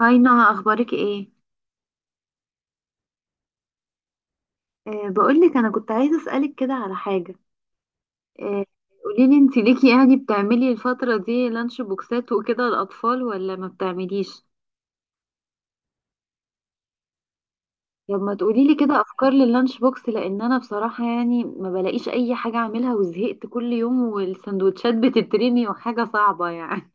هاي نهى، اخبارك ايه؟ بقولك انا كنت عايزه اسالك كده على حاجه. أه. قوليلي، انت ليكي يعني بتعملي الفتره دي لانش بوكسات وكده للاطفال ولا ما بتعمليش؟ طب ما تقوليلي كده افكار لللانش بوكس، لان انا بصراحه يعني ما بلاقيش اي حاجه اعملها وزهقت، كل يوم والسندوتشات بتترمي وحاجه صعبه يعني.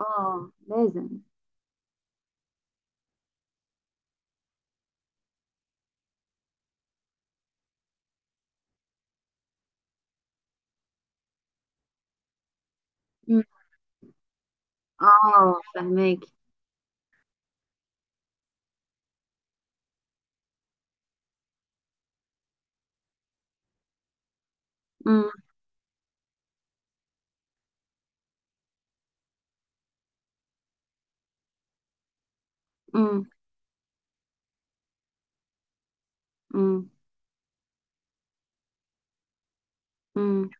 اه، لازم. مم. اه، فهماكي. مم. مم. مم. مم.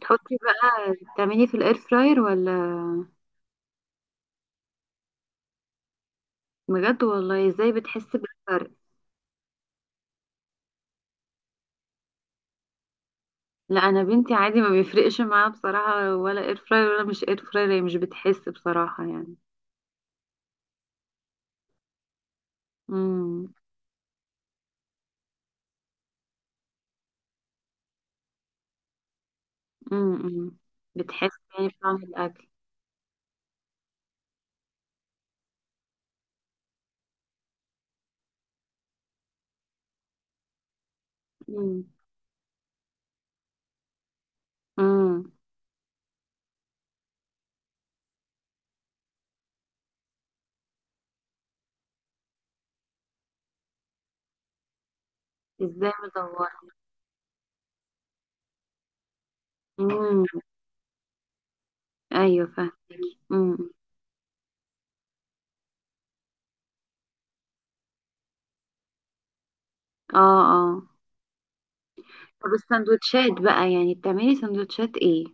تحطي بقى، تعملي في الاير فراير ولا؟ بجد والله؟ ازاي بتحس بالفرق؟ لا، انا بنتي عادي ما بيفرقش معاها بصراحة، ولا اير فراير ولا مش اير فراير، هي مش بتحس بصراحة يعني. امم. امم. بتحس يعني بطعم الاكل؟ امم. امم. ازاي مدورة؟ امم. ايوه، فاهمك. امم. اه. اه. طب السندوتشات بقى، يعني بتعملي سندوتشات ايه؟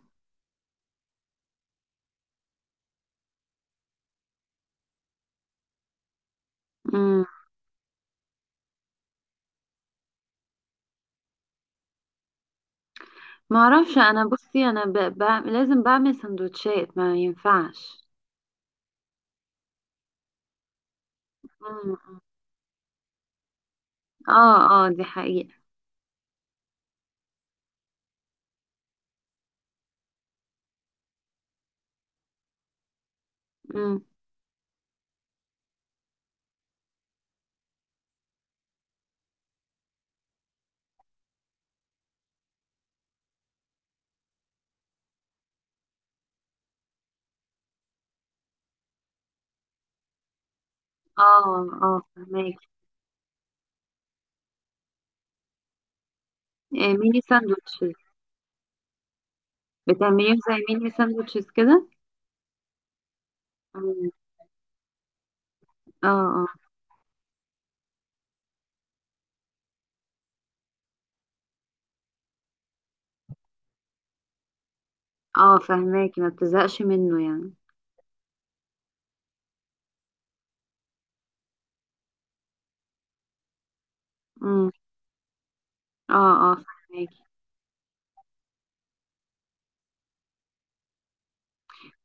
امم. ما اعرفش، انا بصي انا لازم بعمل سندوتشات، ما ينفعش. امم. اه، اه، دي حقيقة. اه، اه، فهماك. ميني ساندوتشز. بتعمليهم زي ميني ساندوتشز كده؟ مم. اه، اه، اه، فهماكي. ما بتزهقش منه يعني. امم. اه، اه، فهماكي.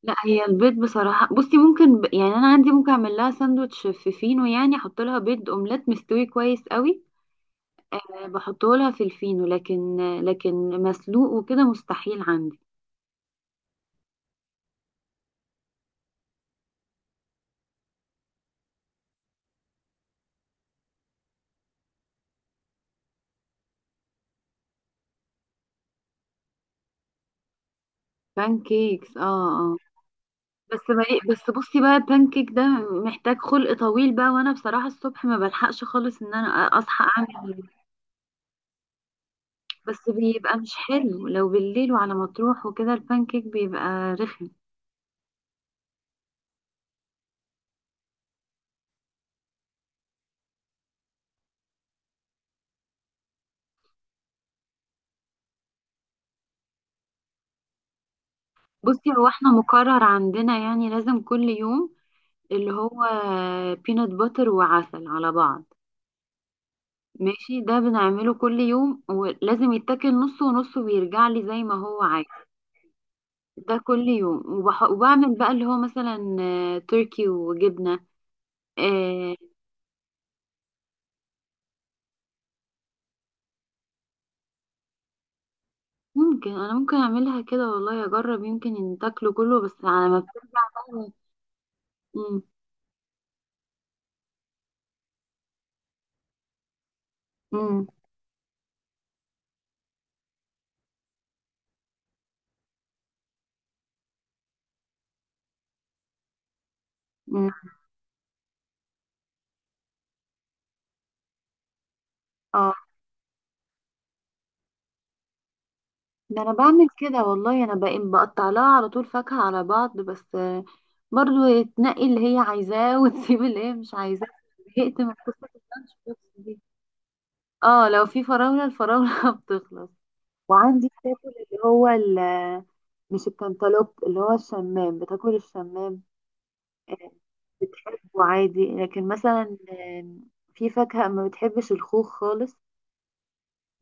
لا، هي البيض بصراحة بصي، ممكن يعني انا عندي، ممكن اعمل لها ساندوتش في فينو، يعني احط لها بيض اومليت مستوي كويس قوي. بحطه لها في الفينو، لكن مسلوق وكده مستحيل عندي. بانكيكس. اه. اه. بس مالي، بس بصي بقى البانكيك ده محتاج خلق طويل بقى، وانا بصراحة الصبح ما بلحقش خالص ان انا اصحى اعمل. بس بيبقى مش حلو لو بالليل، وعلى ما تروح وكده البانكيك بيبقى رخم. بصي هو احنا مقرر عندنا يعني لازم كل يوم اللي هو بينات باتر وعسل على بعض. ماشي، ده بنعمله كل يوم ولازم يتاكل نص ونص ويرجع لي زي ما هو عايز. ده كل يوم وبعمل بقى اللي هو مثلا تركي وجبنة. آه، ممكن انا ممكن اعملها كده والله، اجرب يمكن ان تاكله كله، بس على ما بترجع بقى. امم. امم. أمم. اه، ده انا بعمل كده والله، انا بقطع لها على طول فاكهة على بعض بس برضو تنقي اللي هي عايزاه وتسيب اللي هي مش عايزاه. زهقت من قصة اللانش بوكس دي. اه، لو في فراولة، الفراولة بتخلص. وعندي بتاكل اللي هو مش الكنتالوب اللي هو الشمام، بتاكل الشمام. آه، بتحبه عادي، لكن مثلا في فاكهة ما بتحبش، الخوخ خالص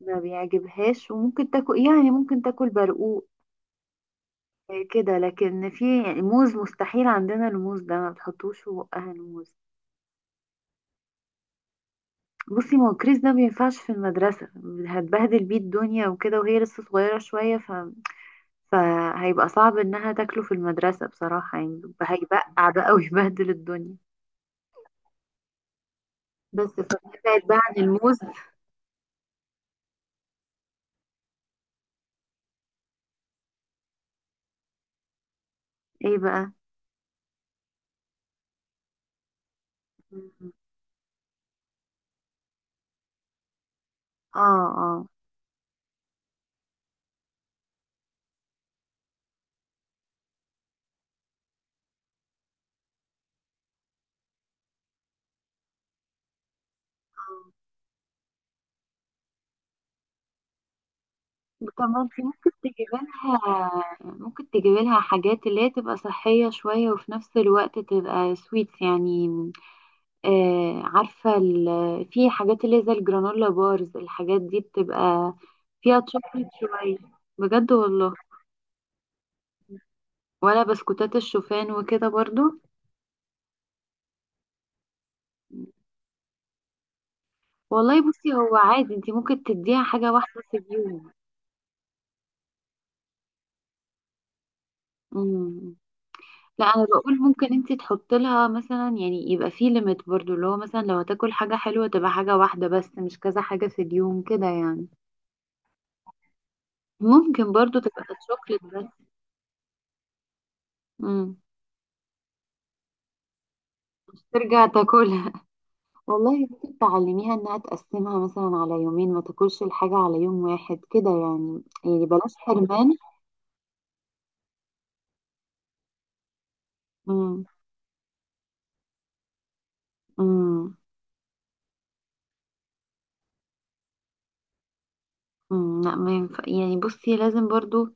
ما بيعجبهاش، وممكن تاكل يعني ممكن تاكل برقوق. كده، لكن في يعني موز، مستحيل عندنا الموز ده، ما بتحطوش في بقها الموز. بصي ما هو كريس ده ما ينفعش في المدرسة. هتبهدل بيه الدنيا وكده، وهي لسه صغيرة شوية فهيبقى صعب انها تاكله في المدرسة بصراحة يعني، هيبقع بقى ويبهدل الدنيا. بس فبعد بقى عن الموز. ايه؟ بقى. اه. اه. وكمان في ممكن تجيب لها، ممكن تجيب لها حاجات اللي هي تبقى صحية شوية وفي نفس الوقت تبقى سويتس يعني. عارفة في حاجات اللي هي زي الجرانولا بارز، الحاجات دي بتبقى فيها تشوكلت شوية. بجد والله؟ ولا بسكوتات الشوفان وكده برضو؟ والله بصي، هو عادي، انتي ممكن تديها حاجة واحدة في اليوم. مم. لا، انا بقول ممكن انت تحط لها مثلا يعني يبقى في ليميت برضو، اللي هو مثلا لو هتاكل حاجة حلوة تبقى حاجة واحدة بس، مش كذا حاجة في اليوم كده يعني. ممكن برضو تبقى شوكليت بس. امم. مش ترجع تاكلها؟ والله ممكن تعلميها انها تقسمها مثلا على يومين، ما تاكلش الحاجة على يوم واحد كده يعني بلاش حرمان. امم. امم. أمم. لا، ما ينفع يعني، بصي لازم برضو،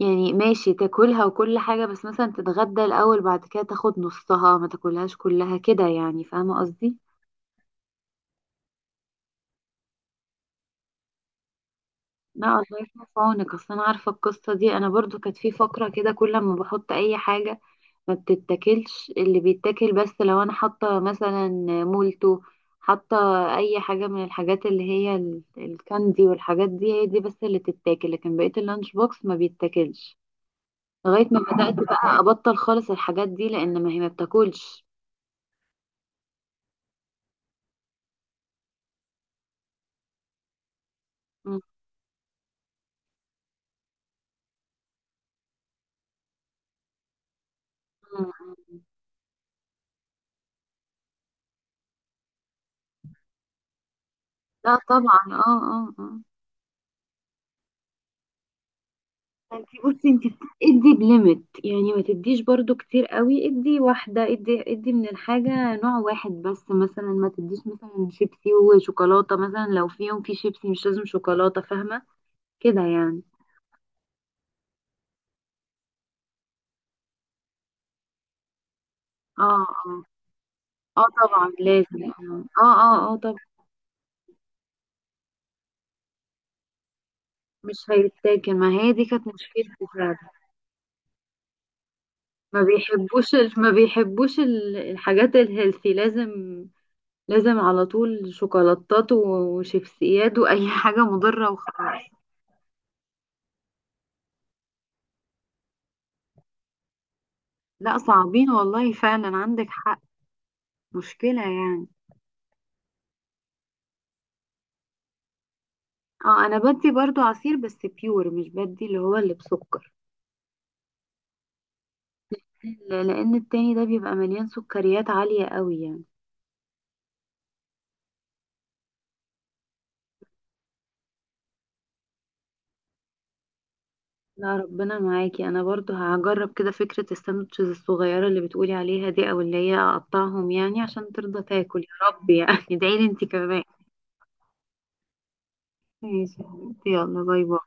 يعني ماشي تاكلها وكل حاجة، بس مثلا تتغدى الأول بعد كده تاخد نصها، ما تاكلهاش كلها كده يعني. فاهمة قصدي؟ لا، الله يكون في عونك، اصل انا عارفه القصه دي، انا برضو كانت في فقره كده كل ما بحط اي حاجه ما بتتاكلش، اللي بيتاكل بس لو انا حاطه مثلا مولتو، حاطه اي حاجه من الحاجات اللي هي الكاندي والحاجات دي، هي دي بس اللي تتاكل، لكن بقيه اللانش بوكس ما بيتاكلش لغايه ما بدات بقى ابطل خالص الحاجات دي، لان ما هي ما بتاكلش. مم. لا طبعا. اه، اه، اه. انت بصي، انت ادي بليمت يعني، ما تديش برضو كتير قوي، ادي واحدة، ادي ادي من الحاجة نوع واحد بس، مثلا ما تديش مثلا شيبسي وشوكولاتة، مثلا لو في يوم في شيبسي مش لازم شوكولاتة، فاهمة كده يعني. اه، اه، اه، طبعا لازم. اه، اه، اه، اه، طبعا. مش هيتاكل، ما هي دي كانت مشكلتي فعلا. ما بيحبوش الحاجات الهيلثي لازم، لازم على طول شوكولاتات وشيبسيات واي حاجه مضره وخلاص. لا، صعبين والله، فعلا عندك حق. مشكله يعني. اه، انا بدي برضو عصير، بس بيور مش بدي اللي هو اللي بسكر. لان التاني ده بيبقى مليان سكريات عاليه قوي يعني. لا، ربنا معاكي، انا برضو هجرب كده فكره الساندوتشز الصغيره اللي بتقولي عليها دي، او اللي هي اقطعهم يعني، عشان ترضى تاكل يا رب يعني. ادعيلي انت كمان. ماشي يا حبيبتي، يلا، باي باي.